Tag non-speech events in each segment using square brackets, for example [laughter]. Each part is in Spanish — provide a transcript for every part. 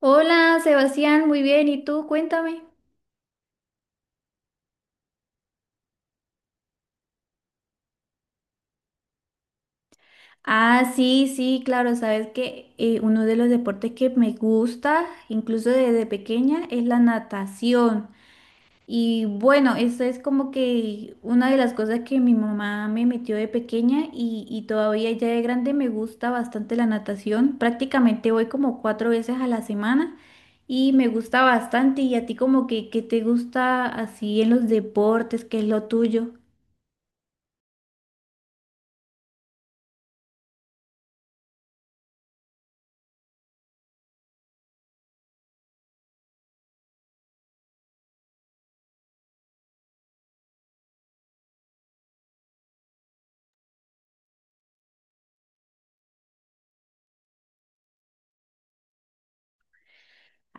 Hola, Sebastián, muy bien. ¿Y tú? Cuéntame. Ah, sí, sí, claro. Sabes que uno de los deportes que me gusta, incluso desde pequeña, es la natación. Y bueno, eso es como que una de las cosas que mi mamá me metió de pequeña y todavía ya de grande me gusta bastante la natación. Prácticamente voy como cuatro veces a la semana y me gusta bastante. ¿Y a ti como que qué te gusta así en los deportes? ¿Qué es lo tuyo?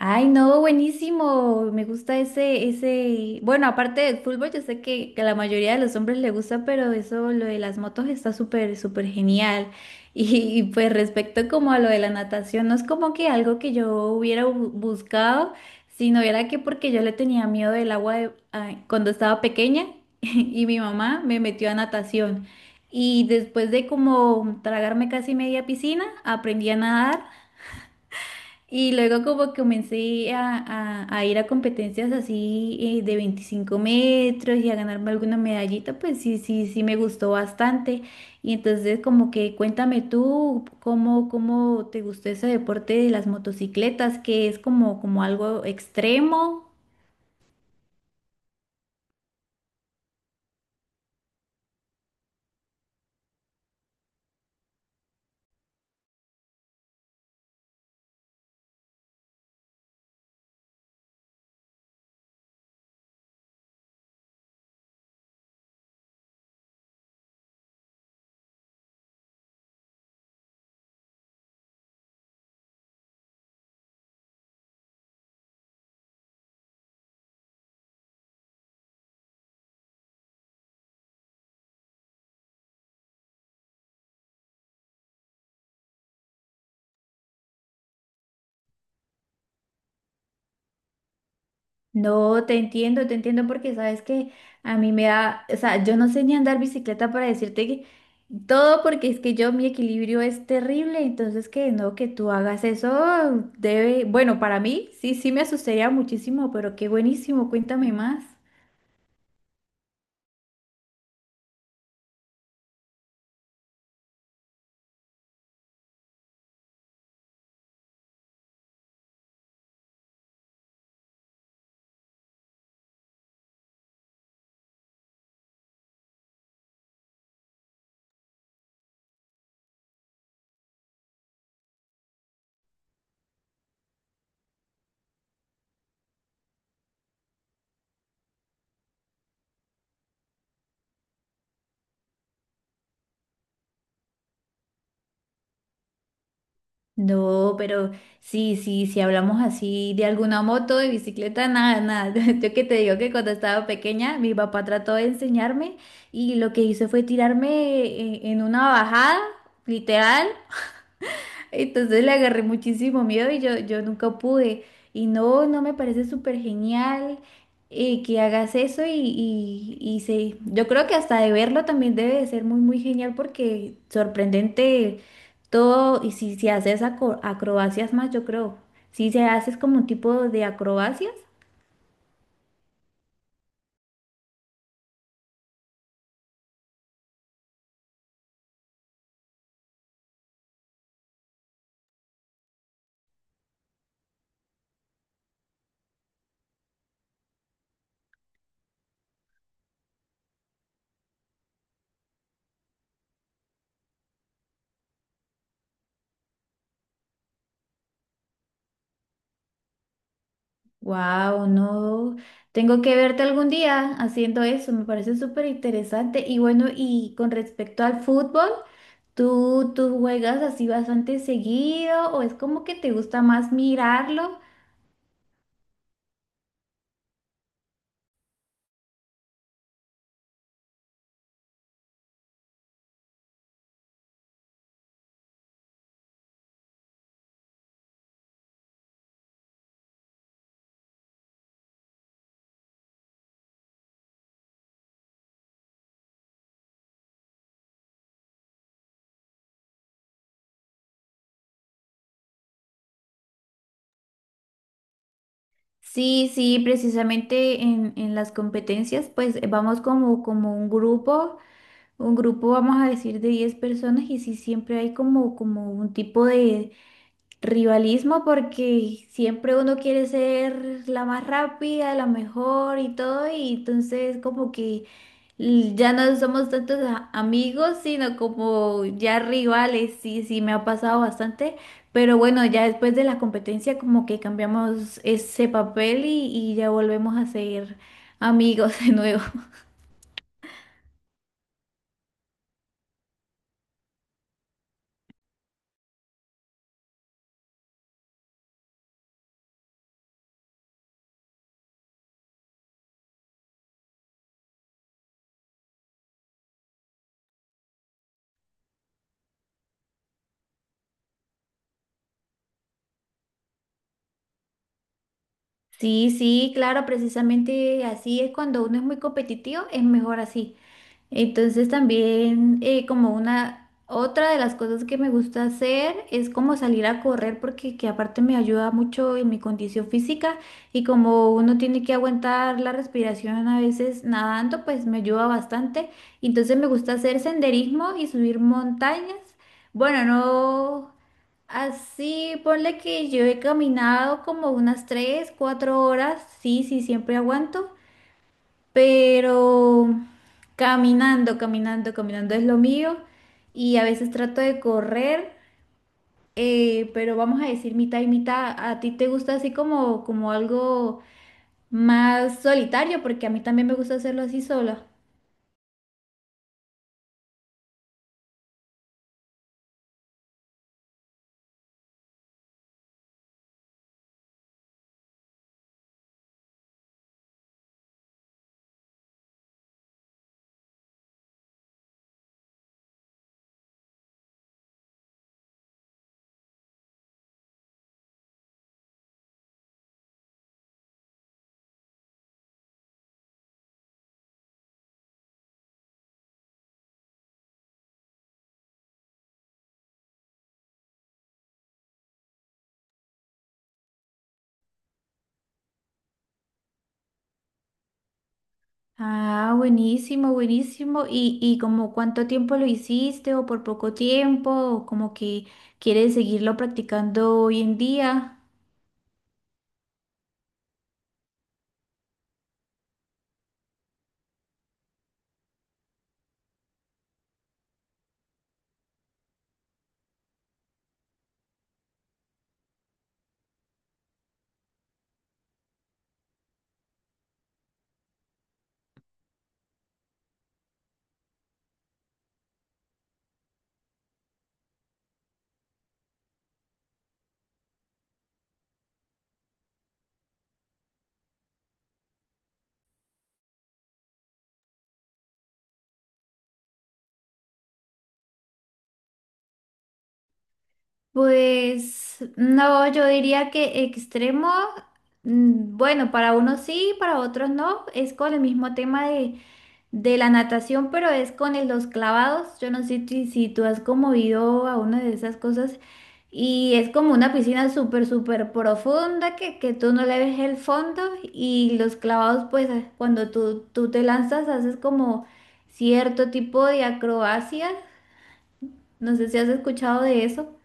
Ay, no, buenísimo. Me gusta ese, ese. Bueno, aparte del fútbol, yo sé que la mayoría de los hombres le gusta, pero eso, lo de las motos está súper, súper genial. [laughs] Pues respecto como a lo de la natación, no es como que algo que yo hubiera buscado, sino era que porque yo le tenía miedo del agua ay, cuando estaba pequeña [laughs] y mi mamá me metió a natación. Y después de como tragarme casi media piscina, aprendí a nadar. Y luego como comencé a ir a competencias así de 25 m y a ganarme alguna medallita, pues sí, sí, sí me gustó bastante. Y entonces como que cuéntame tú cómo te gustó ese deporte de las motocicletas, que es como, como algo extremo. No, te entiendo porque sabes que a mí me da, o sea, yo no sé ni andar bicicleta para decirte que todo porque es que yo mi equilibrio es terrible, entonces que no, que tú hagas eso debe, bueno, para mí sí, sí me asustaría muchísimo, pero qué buenísimo, cuéntame más. No, pero sí, si hablamos así de alguna moto, de bicicleta, nada, nada. [laughs] Yo que te digo que cuando estaba pequeña, mi papá trató de enseñarme y lo que hizo fue tirarme en una bajada, literal. Entonces le agarré muchísimo miedo y yo nunca pude. Y no, no me parece súper genial que hagas eso y sí, yo creo que hasta de verlo también debe de ser muy, muy genial porque sorprendente todo y si haces acrobacias más, yo creo, si se haces como un tipo de acrobacias, wow, no, tengo que verte algún día haciendo eso, me parece súper interesante. Y bueno, y con respecto al fútbol. ¿Tú juegas así bastante seguido o es como que te gusta más mirarlo? Sí, sí, precisamente en las competencias pues vamos como un grupo vamos a decir de 10 personas y sí siempre hay como un tipo de, rivalismo porque siempre uno quiere ser la más rápida, la mejor y todo, y entonces como que ya no somos tantos amigos, sino como ya rivales, sí, sí, me ha pasado bastante, pero bueno, ya después de la competencia como que cambiamos ese papel y ya volvemos a ser amigos [laughs] de nuevo. Sí, sí, claro, precisamente así es cuando uno es muy competitivo, es mejor así. Entonces también como una otra de las cosas que me gusta hacer es como salir a correr porque que aparte me ayuda mucho en mi condición física y como uno tiene que aguantar la respiración a veces nadando, pues me ayuda bastante. Entonces me gusta hacer senderismo y subir montañas. Bueno, no así, ponle que yo he caminado como unas 3 4 horas, sí, sí, siempre aguanto pero caminando, caminando, caminando es lo mío y a veces trato de correr, pero vamos a decir mitad y mitad. ¿A ti te gusta así como algo más solitario? Porque a mí también me gusta hacerlo así sola. Ah, buenísimo, buenísimo. ¿Y como cuánto tiempo lo hiciste o por poco tiempo o como que quieres seguirlo practicando hoy en día? Pues no, yo diría que extremo, mm, bueno, para unos sí, para otros no, es con el mismo tema de la natación, pero es con los clavados, yo no sé si tú has conmovido a una de esas cosas y es como una piscina súper, súper profunda que tú no le ves el fondo y los clavados, pues ah, cuando tú te lanzas haces como cierto tipo de acrobacias, no sé si has escuchado de eso.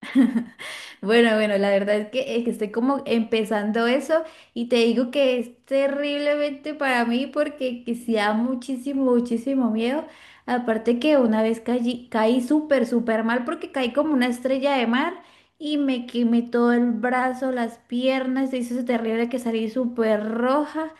[laughs] Bueno, bueno, la verdad es que estoy como empezando eso y te digo que es terriblemente para mí porque que sí da muchísimo, muchísimo miedo. Aparte que una vez caí súper, súper mal porque caí como una estrella de mar y me quemé todo el brazo, las piernas, se hizo terrible que salí súper roja.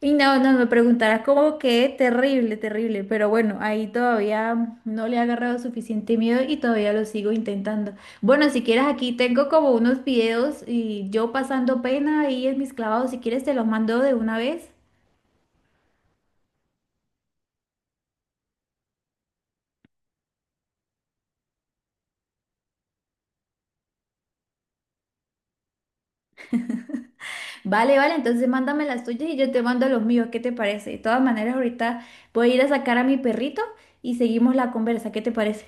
Y no, no, me preguntarás como que terrible, terrible, pero bueno, ahí todavía no le he agarrado suficiente miedo y todavía lo sigo intentando. Bueno, si quieres aquí tengo como unos videos y yo pasando pena ahí en mis clavados, si quieres te los mando de una vez. Vale, vale, entonces mándame las tuyas y yo te mando los míos, ¿qué te parece? De todas maneras, ahorita voy a ir a sacar a mi perrito y seguimos la conversa, ¿qué te parece?